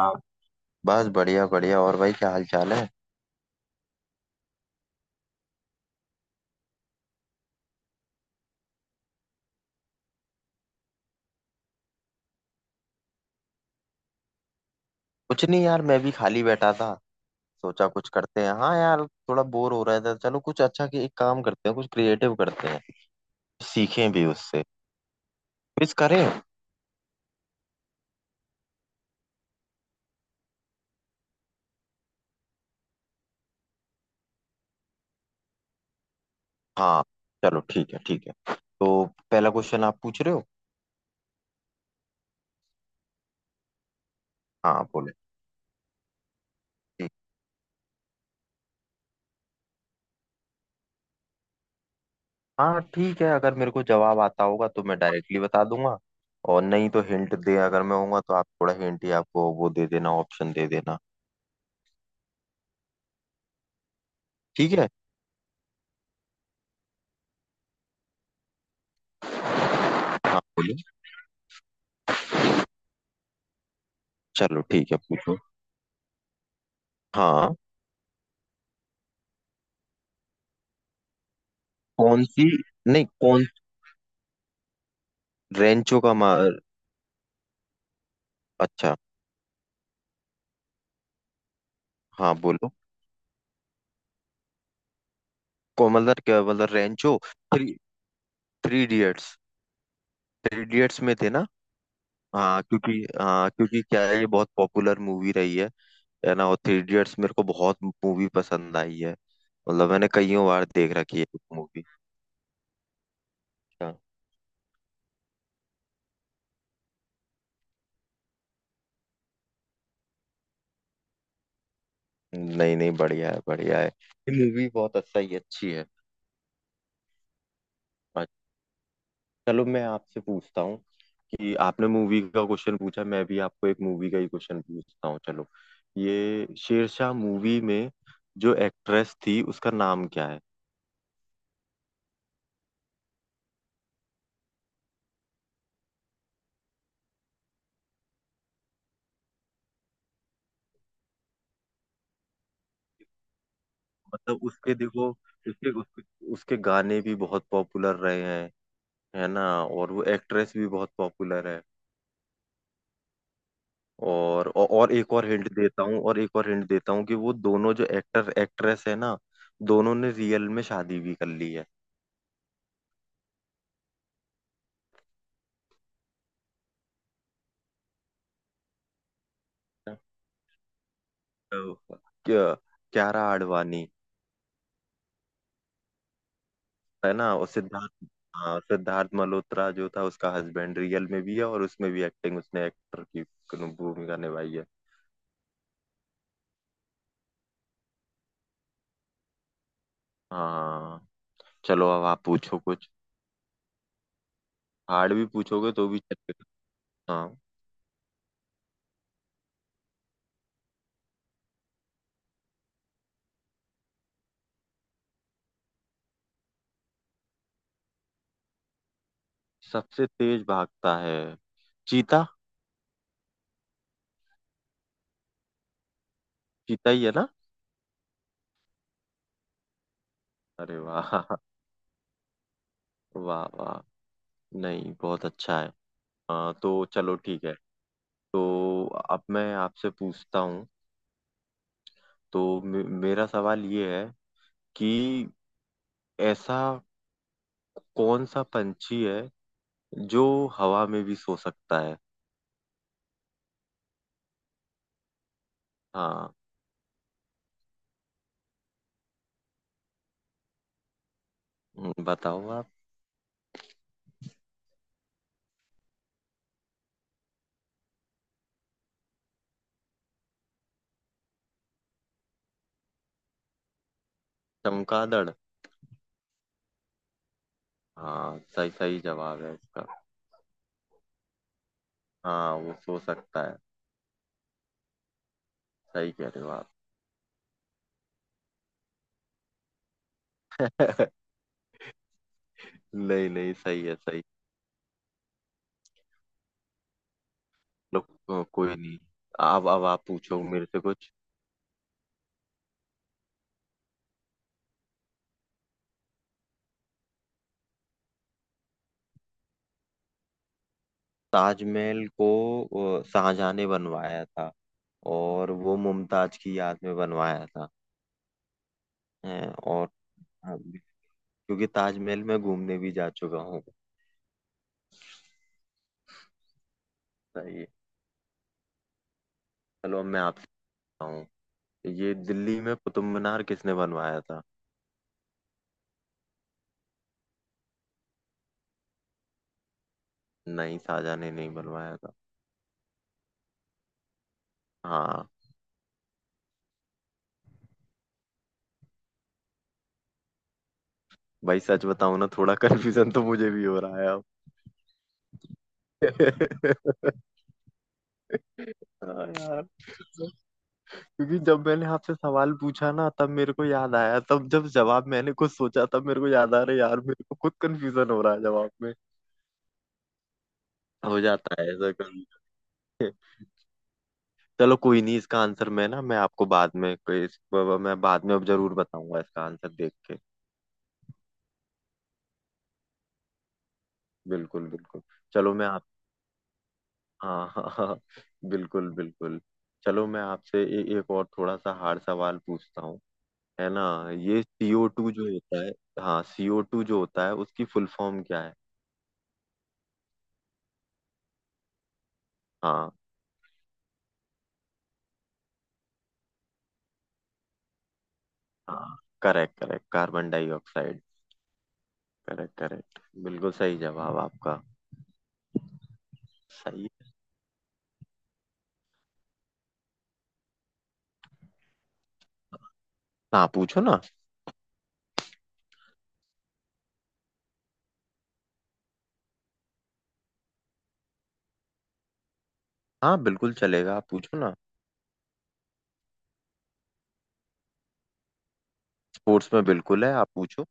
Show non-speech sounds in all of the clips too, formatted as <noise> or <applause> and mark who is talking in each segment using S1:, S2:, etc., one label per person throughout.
S1: हाँ। बस बढ़िया बढ़िया। और भाई क्या हाल चाल है? कुछ नहीं यार, मैं भी खाली बैठा था, सोचा कुछ करते हैं। हाँ यार, थोड़ा बोर हो रहा था। चलो कुछ अच्छा, कि एक काम करते हैं, कुछ क्रिएटिव करते हैं, सीखें भी उससे। क्विज करें। हाँ चलो ठीक है, ठीक है। पहला क्वेश्चन आप पूछ रहे हो। हाँ बोले। ठीक। हाँ ठीक है, अगर मेरे को जवाब आता होगा तो मैं डायरेक्टली बता दूंगा, और नहीं तो हिंट दे, अगर मैं होऊंगा तो आप थोड़ा हिंट ही आपको वो दे देना, ऑप्शन दे देना। ठीक है। हाँ बोलिए। चलो ठीक है, पूछो। हाँ कौन सी? नहीं कौन? रेंचो का मार। अच्छा। हाँ बोलो। को मतलब, क्या मतलब Rancho? Three, three idiots. Three idiots में थे ना? हाँ क्योंकि, हाँ क्योंकि क्या है, ये बहुत पॉपुलर मूवी रही है ना? और थ्री इडियट्स मेरे को बहुत मूवी पसंद आई है। मतलब मैंने कईयों बार देख रखी है मूवी। हाँ नहीं नहीं, बढ़िया है बढ़िया है। ये मूवी बहुत अच्छा ही अच्छी है। अच्छा, चलो मैं आपसे पूछता हूँ कि आपने मूवी का क्वेश्चन पूछा, मैं भी आपको एक मूवी का ही क्वेश्चन पूछता हूँ, चलो। ये शेरशाह मूवी में जो एक्ट्रेस थी उसका नाम क्या है? मतलब उसके, देखो, उसके उसके, उसके गाने भी बहुत पॉपुलर रहे हैं, है ना? और वो एक्ट्रेस भी बहुत पॉपुलर है। और और एक और हिंट देता हूँ, और एक और हिंट देता हूँ कि वो दोनों जो एक्टर एक्ट्रेस है ना, दोनों ने रियल में शादी भी कर ली है। तो, क्या, क्यारा आडवाणी। है ना? और सिद्धार्थ, हाँ सिद्धार्थ मल्होत्रा जो था, उसका हस्बैंड रियल में भी है और उसमें भी एक्टिंग उसने एक्टर की भूमिका निभाई है। हाँ चलो, अब आप पूछो कुछ, हार्ड भी पूछोगे तो भी चलेगा। हाँ। सबसे तेज भागता है? चीता। चीता ही है ना? अरे वाह, वाह वाह, नहीं बहुत अच्छा है। हाँ तो चलो ठीक है। तो अब मैं आपसे पूछता हूँ, तो मेरा सवाल ये है कि ऐसा कौन सा पंछी है जो हवा में भी सो सकता है? हाँ। बताओ आप। चमगादड़? हाँ सही, सही जवाब है इसका। हाँ वो सो सकता है। सही कह रहे हो आप। <laughs> नहीं नहीं, सही है सही। लो कोई नहीं। अब आप पूछो मेरे से कुछ। ताजमहल को शाहजहां ने बनवाया था, और वो मुमताज की याद में बनवाया था। हैं, और हाँ, क्योंकि ताजमहल में घूमने भी जा चुका हूँ। सही है। चलो अब मैं आपसे पूछता हूँ, ये दिल्ली में कुतुब मीनार किसने बनवाया था? नहीं, शाहजहां ने नहीं बनवाया था। हाँ। भाई सच बताऊं ना, थोड़ा कंफ्यूजन तो मुझे भी हो रहा है अब। <laughs> हाँ यार, क्योंकि जब मैंने आपसे सवाल पूछा ना, तब मेरे को याद आया, तब जब जवाब मैंने कुछ सोचा तब मेरे को याद आ रहा है यार, मेरे को खुद कंफ्यूजन हो रहा है जवाब में। हो जाता है ऐसा कभी। <laughs> चलो कोई नहीं, इसका आंसर मैं ना, मैं आपको बाद में कोई इस, मैं बाद में अब जरूर बताऊंगा इसका आंसर देख के। बिल्कुल बिल्कुल। चलो मैं आप, हाँ <laughs> हाँ हाँ, बिल्कुल बिल्कुल। चलो मैं आपसे एक और थोड़ा सा हार्ड सवाल पूछता हूँ, है ना? ये सीओ टू जो होता है, हाँ सीओ टू जो होता है उसकी फुल फॉर्म क्या है? हाँ। हाँ correct correct, carbon dioxide. Correct correct, बिल्कुल सही जवाब आपका। सही है। हाँ पूछो ना। हाँ बिल्कुल चलेगा, आप पूछो ना। स्पोर्ट्स में बिल्कुल है, आप पूछो।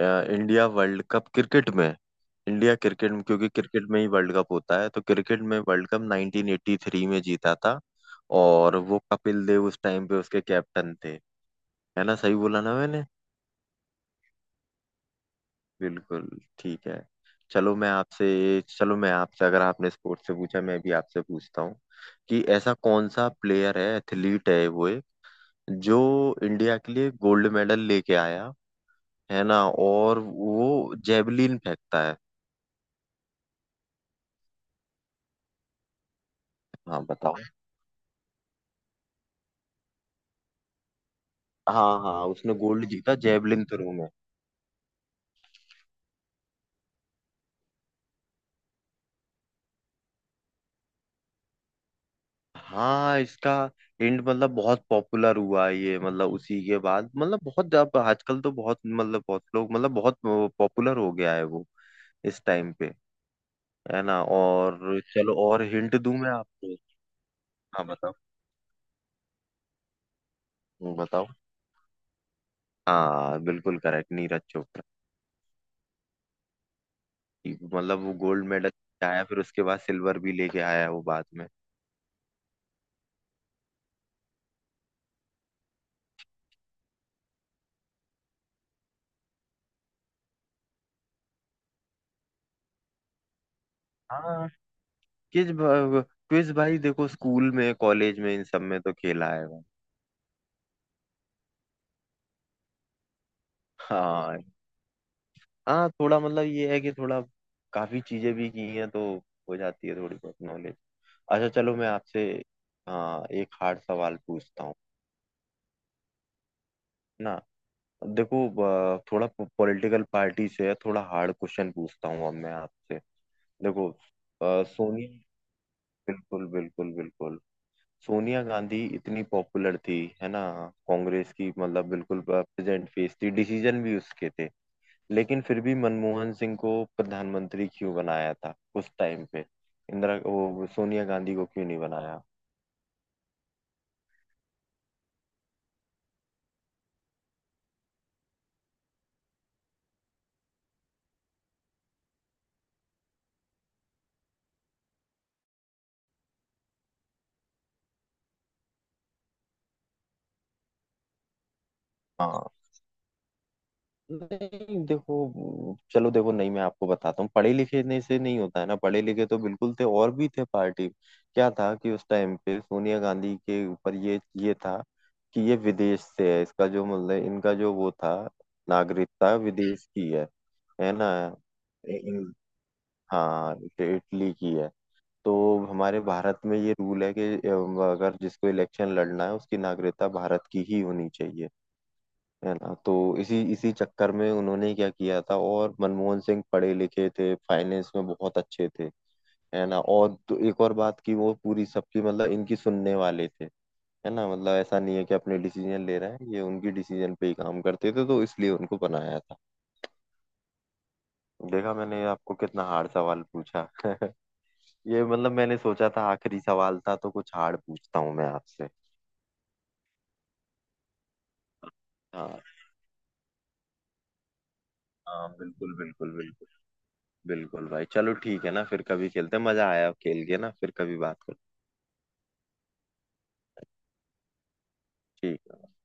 S1: अ, इंडिया वर्ल्ड कप क्रिकेट में, इंडिया क्रिकेट में, क्योंकि क्रिकेट में ही वर्ल्ड कप होता है, तो क्रिकेट में वर्ल्ड कप 1983 में जीता था। और वो कपिल देव उस टाइम पे उसके कैप्टन थे। है ना, सही बोला ना मैंने? बिल्कुल। ठीक है। चलो मैं आपसे, चलो मैं आपसे, अगर आपने स्पोर्ट्स से पूछा, मैं भी आपसे पूछता हूँ कि ऐसा कौन सा प्लेयर है, एथलीट है वो एक, जो इंडिया के लिए गोल्ड मेडल लेके आया, है ना, और वो जेवलिन फेंकता है। हाँ बताओ। हाँ हाँ, उसने गोल्ड जीता जेवलिन थ्रो में। हाँ इसका हिंट, मतलब बहुत पॉपुलर हुआ ये, मतलब उसी के बाद, मतलब बहुत, अब आजकल तो बहुत मतलब, बहुत लोग मतलब, बहुत पॉपुलर हो गया है वो इस टाइम पे। है ना? और चलो और हिंट दूं मैं आपको। हाँ बताओ। बताओ। हाँ बिल्कुल करेक्ट, नीरज चोपड़ा। मतलब वो गोल्ड मेडल आया, फिर उसके बाद सिल्वर भी लेके आया वो बाद में। हाँ। क्विज, क्विज भाई देखो, स्कूल में, कॉलेज में, इन सब में तो खेला है। हाँ। हाँ थोड़ा, मतलब ये है कि थोड़ा काफी चीजें भी की हैं तो हो जाती है थोड़ी बहुत नॉलेज। अच्छा चलो मैं आपसे, हाँ, एक हार्ड सवाल पूछता हूँ, है ना? देखो थोड़ा पॉलिटिकल पार्टी से है, थोड़ा हार्ड क्वेश्चन पूछता हूँ अब मैं आपसे। देखो सोनिया, बिल्कुल बिल्कुल बिल्कुल, सोनिया गांधी इतनी पॉपुलर थी, है ना? कांग्रेस की मतलब बिल्कुल प्रेजेंट फेस थी, डिसीजन भी उसके थे, लेकिन फिर भी मनमोहन सिंह को प्रधानमंत्री क्यों बनाया था उस टाइम पे? इंदिरा, वो सोनिया गांधी को क्यों नहीं बनाया? हाँ। नहीं देखो, चलो देखो, नहीं मैं आपको बताता हूँ, पढ़े लिखे ने से नहीं होता है ना, पढ़े लिखे तो बिल्कुल थे और भी थे पार्टी। क्या था कि उस टाइम पे सोनिया गांधी के ऊपर ये था कि ये विदेश से है, इसका जो मतलब इनका जो वो था, नागरिकता विदेश की है ना? इ- इ- हाँ इटली की है। तो हमारे भारत में ये रूल है कि अगर जिसको इलेक्शन लड़ना है उसकी नागरिकता भारत की ही होनी चाहिए, है ना? तो इसी इसी चक्कर में उन्होंने क्या किया था, और मनमोहन सिंह पढ़े लिखे थे, फाइनेंस में बहुत अच्छे थे, है ना? और तो एक और बात की वो पूरी सबकी मतलब इनकी सुनने वाले थे, है ना, मतलब ऐसा नहीं है कि अपने डिसीजन ले रहे हैं ये, उनकी डिसीजन पे ही काम करते थे, तो इसलिए उनको बनाया था। देखा, मैंने आपको कितना हार्ड सवाल पूछा। <laughs> ये मतलब मैंने सोचा था आखिरी सवाल था तो कुछ हार्ड पूछता हूँ मैं आपसे। हाँ। हाँ बिल्कुल बिल्कुल बिल्कुल। बिल्कुल भाई, चलो ठीक है ना, फिर कभी खेलते हैं, मजा आया खेल के ना, फिर कभी बात करते हैं। ठीक है।